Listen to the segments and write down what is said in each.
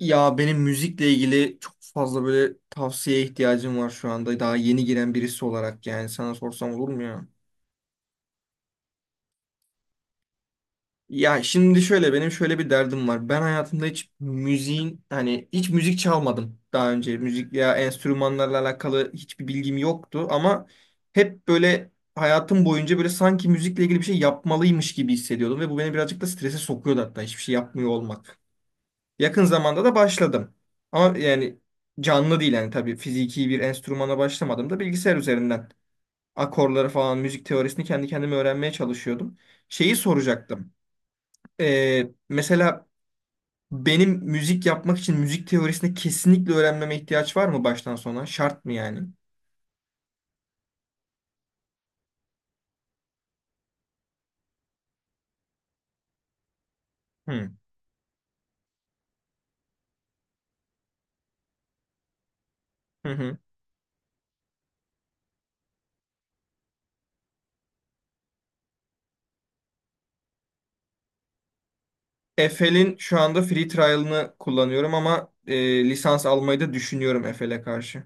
Ya benim müzikle ilgili çok fazla böyle tavsiyeye ihtiyacım var şu anda. Daha yeni giren birisi olarak yani sana sorsam olur mu ya? Ya şimdi şöyle benim şöyle bir derdim var. Ben hayatımda hiç müziğin hani hiç müzik çalmadım daha önce. Müzik ya enstrümanlarla alakalı hiçbir bilgim yoktu ama hep böyle hayatım boyunca böyle sanki müzikle ilgili bir şey yapmalıymış gibi hissediyordum ve bu beni birazcık da strese sokuyordu hatta hiçbir şey yapmıyor olmak. Yakın zamanda da başladım. Ama yani canlı değil yani tabii fiziki bir enstrümana başlamadım da bilgisayar üzerinden akorları falan müzik teorisini kendi kendime öğrenmeye çalışıyordum. Şeyi soracaktım. Mesela benim müzik yapmak için müzik teorisini kesinlikle öğrenmeme ihtiyaç var mı baştan sona? Şart mı yani? Hı hı. Hı. Efel'in şu anda free trial'ını kullanıyorum ama lisans almayı da düşünüyorum Efel'e karşı.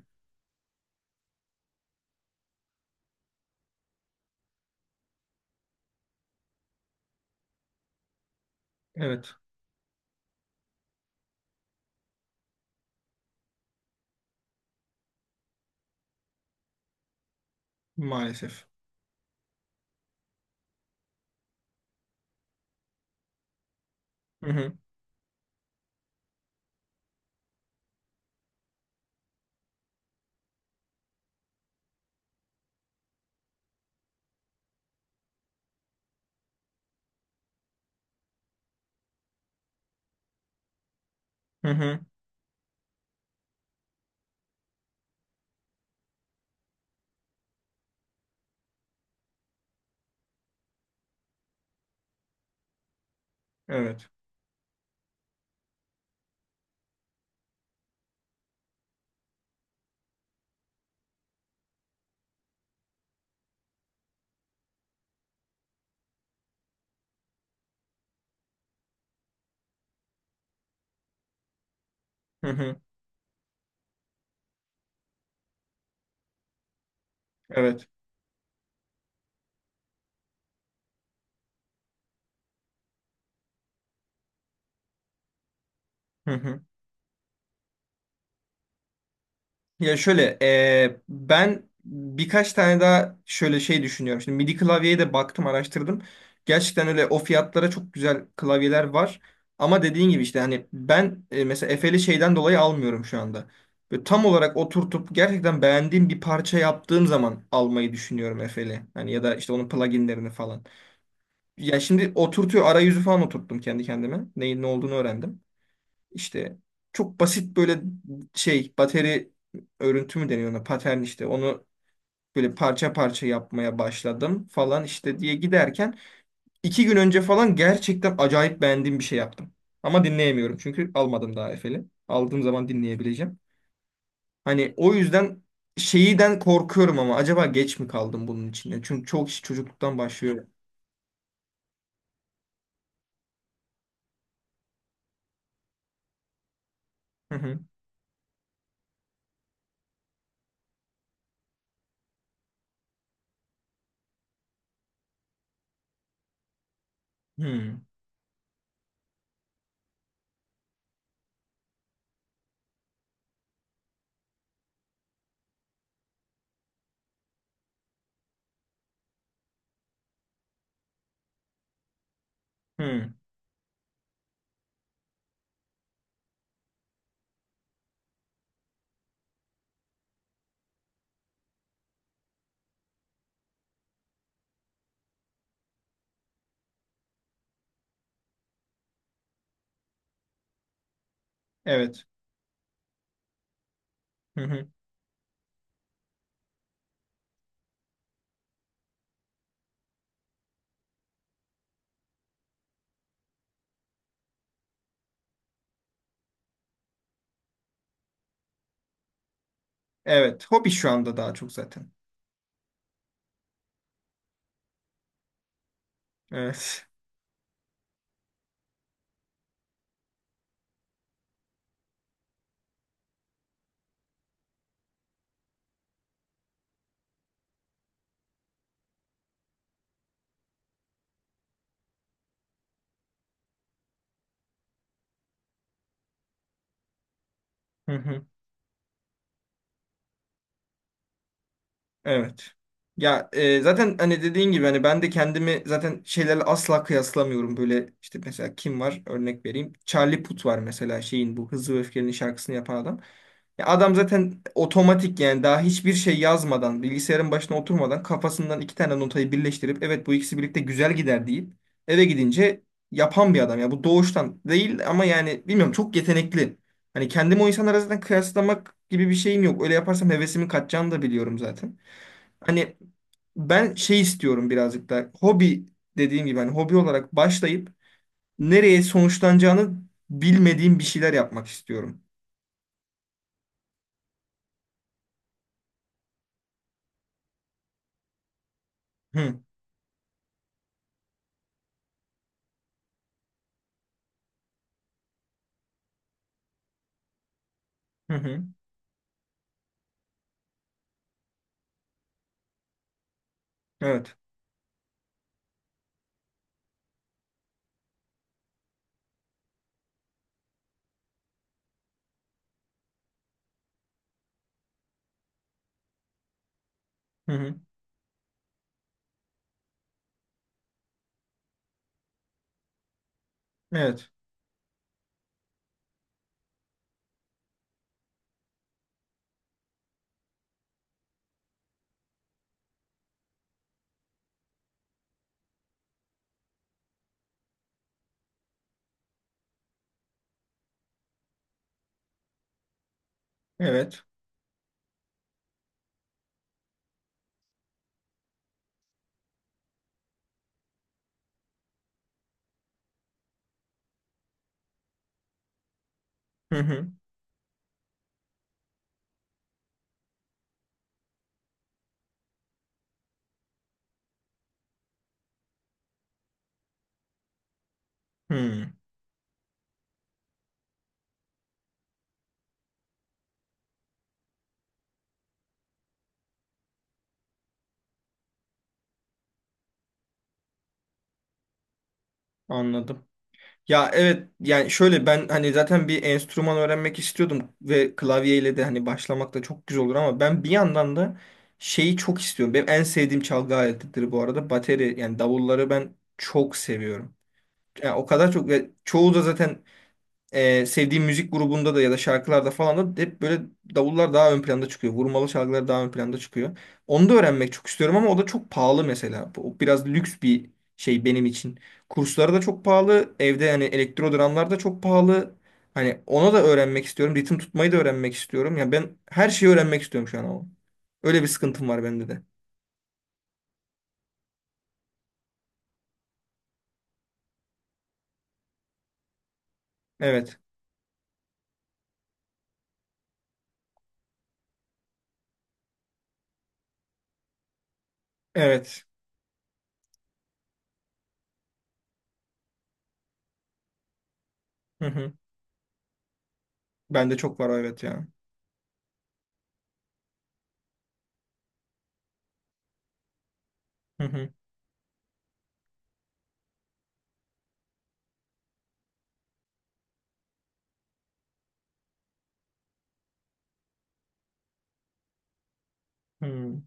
Evet, maalesef. Hı hı. Hı hı. Evet. Hı hı. Evet. Hı hı. Ya şöyle ben birkaç tane daha şöyle şey düşünüyorum. Şimdi MIDI klavyeye de baktım araştırdım. Gerçekten öyle o fiyatlara çok güzel klavyeler var. Ama dediğin gibi işte hani ben mesela Efe'li şeyden dolayı almıyorum şu anda. Böyle tam olarak oturtup gerçekten beğendiğim bir parça yaptığım zaman almayı düşünüyorum Efe'li. Hani ya da işte onun pluginlerini falan. Ya şimdi oturtuyor arayüzü falan oturttum kendi kendime. Neyin ne olduğunu öğrendim. İşte çok basit böyle şey bateri örüntü mü deniyor ona patern işte onu böyle parça parça yapmaya başladım falan işte diye giderken 2 gün önce falan gerçekten acayip beğendiğim bir şey yaptım. Ama dinleyemiyorum çünkü almadım daha Efe'li. Aldığım zaman dinleyebileceğim. Hani o yüzden şeyden korkuyorum ama acaba geç mi kaldım bunun içinde? Çünkü çok iş çocukluktan başlıyor. Hı hı. Hı hı. Evet. Hı hı. Evet. Hobi şu anda daha çok zaten. Evet. Hı hı. Evet. Ya zaten hani dediğin gibi hani ben de kendimi zaten şeylerle asla kıyaslamıyorum. Böyle işte mesela kim var? Örnek vereyim. Charlie Puth var mesela şeyin bu Hızlı ve Öfkeli'nin şarkısını yapan adam. Ya adam zaten otomatik yani daha hiçbir şey yazmadan, bilgisayarın başına oturmadan kafasından iki tane notayı birleştirip evet bu ikisi birlikte güzel gider deyip eve gidince yapan bir adam. Ya bu doğuştan değil ama yani bilmiyorum çok yetenekli. Hani kendimi o insanlara zaten kıyaslamak gibi bir şeyim yok. Öyle yaparsam hevesimin kaçacağını da biliyorum zaten. Hani ben şey istiyorum birazcık da hobi dediğim gibi hani hobi olarak başlayıp nereye sonuçlanacağını bilmediğim bir şeyler yapmak istiyorum. Hı hı hı. Evet. Hı hı. Evet. Evet. Hı hı. Hı. Anladım. Ya evet yani şöyle ben hani zaten bir enstrüman öğrenmek istiyordum ve klavyeyle de hani başlamak da çok güzel olur ama ben bir yandan da şeyi çok istiyorum. Benim en sevdiğim çalgı aletidir bu arada. Bateri yani davulları ben çok seviyorum. Yani o kadar çok ve çoğu da zaten sevdiğim müzik grubunda da ya da şarkılarda falan da hep böyle davullar daha ön planda çıkıyor. Vurmalı şarkılar daha ön planda çıkıyor. Onu da öğrenmek çok istiyorum ama o da çok pahalı mesela. O biraz lüks bir şey benim için. Kursları da çok pahalı. Evde yani elektro dramlar da çok pahalı. Hani ona da öğrenmek istiyorum. Ritim tutmayı da öğrenmek istiyorum. Ya ben her şeyi öğrenmek istiyorum şu an ama. Öyle bir sıkıntım var bende de. Evet. Evet. Hı hı. Bende çok var o evet ya. Hı hı. Hı.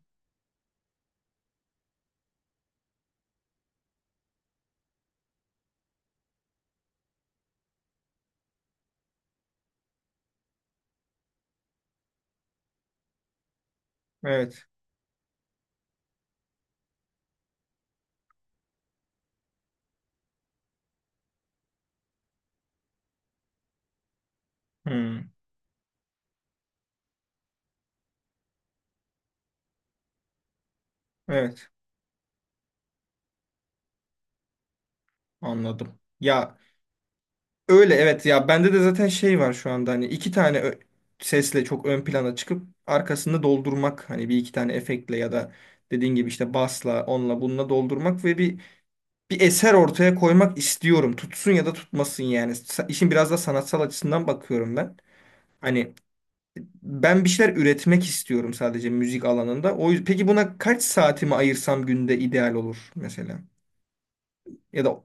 Evet. Hı. Evet, anladım. Ya öyle evet ya bende de zaten şey var şu anda hani iki tane sesle çok ön plana çıkıp arkasını doldurmak hani bir iki tane efektle ya da dediğin gibi işte basla onunla bununla doldurmak ve bir eser ortaya koymak istiyorum. Tutsun ya da tutmasın yani. İşin biraz da sanatsal açısından bakıyorum ben. Hani ben bir şeyler üretmek istiyorum sadece müzik alanında. O yüzden, peki buna kaç saatimi ayırsam günde ideal olur mesela? Ya da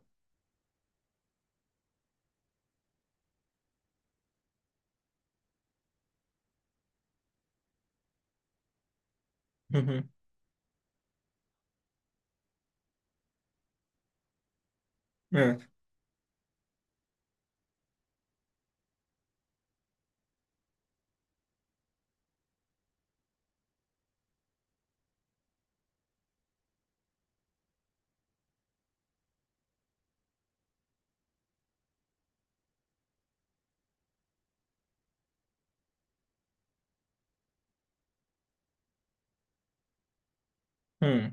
hı hı. Evet. Hı,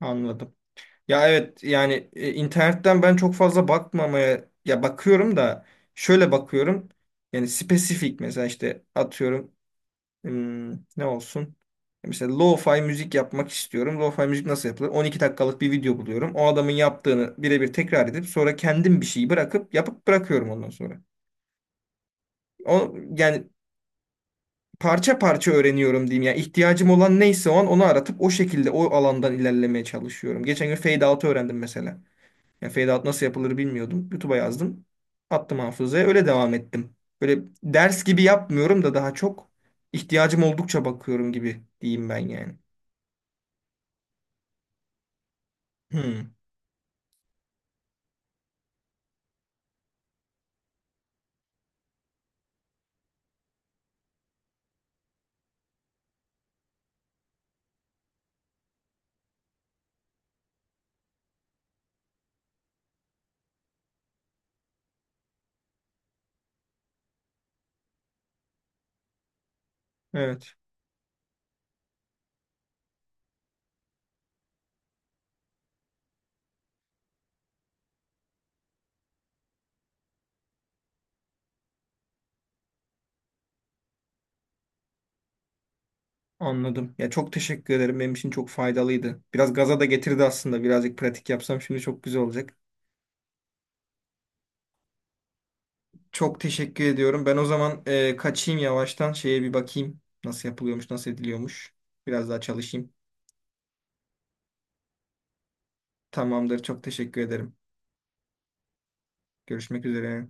anladım. Ya evet yani internetten ben çok fazla bakmamaya ya bakıyorum da şöyle bakıyorum. Yani spesifik mesela işte atıyorum hmm, ne olsun? Mesela lo-fi müzik yapmak istiyorum. Lo-fi müzik nasıl yapılır? 12 dakikalık bir video buluyorum. O adamın yaptığını birebir tekrar edip sonra kendim bir şeyi bırakıp yapıp bırakıyorum ondan sonra. O yani parça parça öğreniyorum diyeyim. Yani ihtiyacım olan neyse o an onu aratıp o şekilde o alandan ilerlemeye çalışıyorum. Geçen gün fade out'u öğrendim mesela. Yani fade out nasıl yapılır bilmiyordum. YouTube'a yazdım. Attım hafızaya. Öyle devam ettim. Böyle ders gibi yapmıyorum da daha çok ihtiyacım oldukça bakıyorum gibi diyeyim ben yani. Hmm, evet anladım. Ya çok teşekkür ederim. Benim için çok faydalıydı. Biraz gaza da getirdi aslında. Birazcık pratik yapsam şimdi çok güzel olacak. Çok teşekkür ediyorum. Ben o zaman kaçayım yavaştan. Şeye bir bakayım. Nasıl yapılıyormuş, nasıl ediliyormuş. Biraz daha çalışayım. Tamamdır. Çok teşekkür ederim. Görüşmek üzere.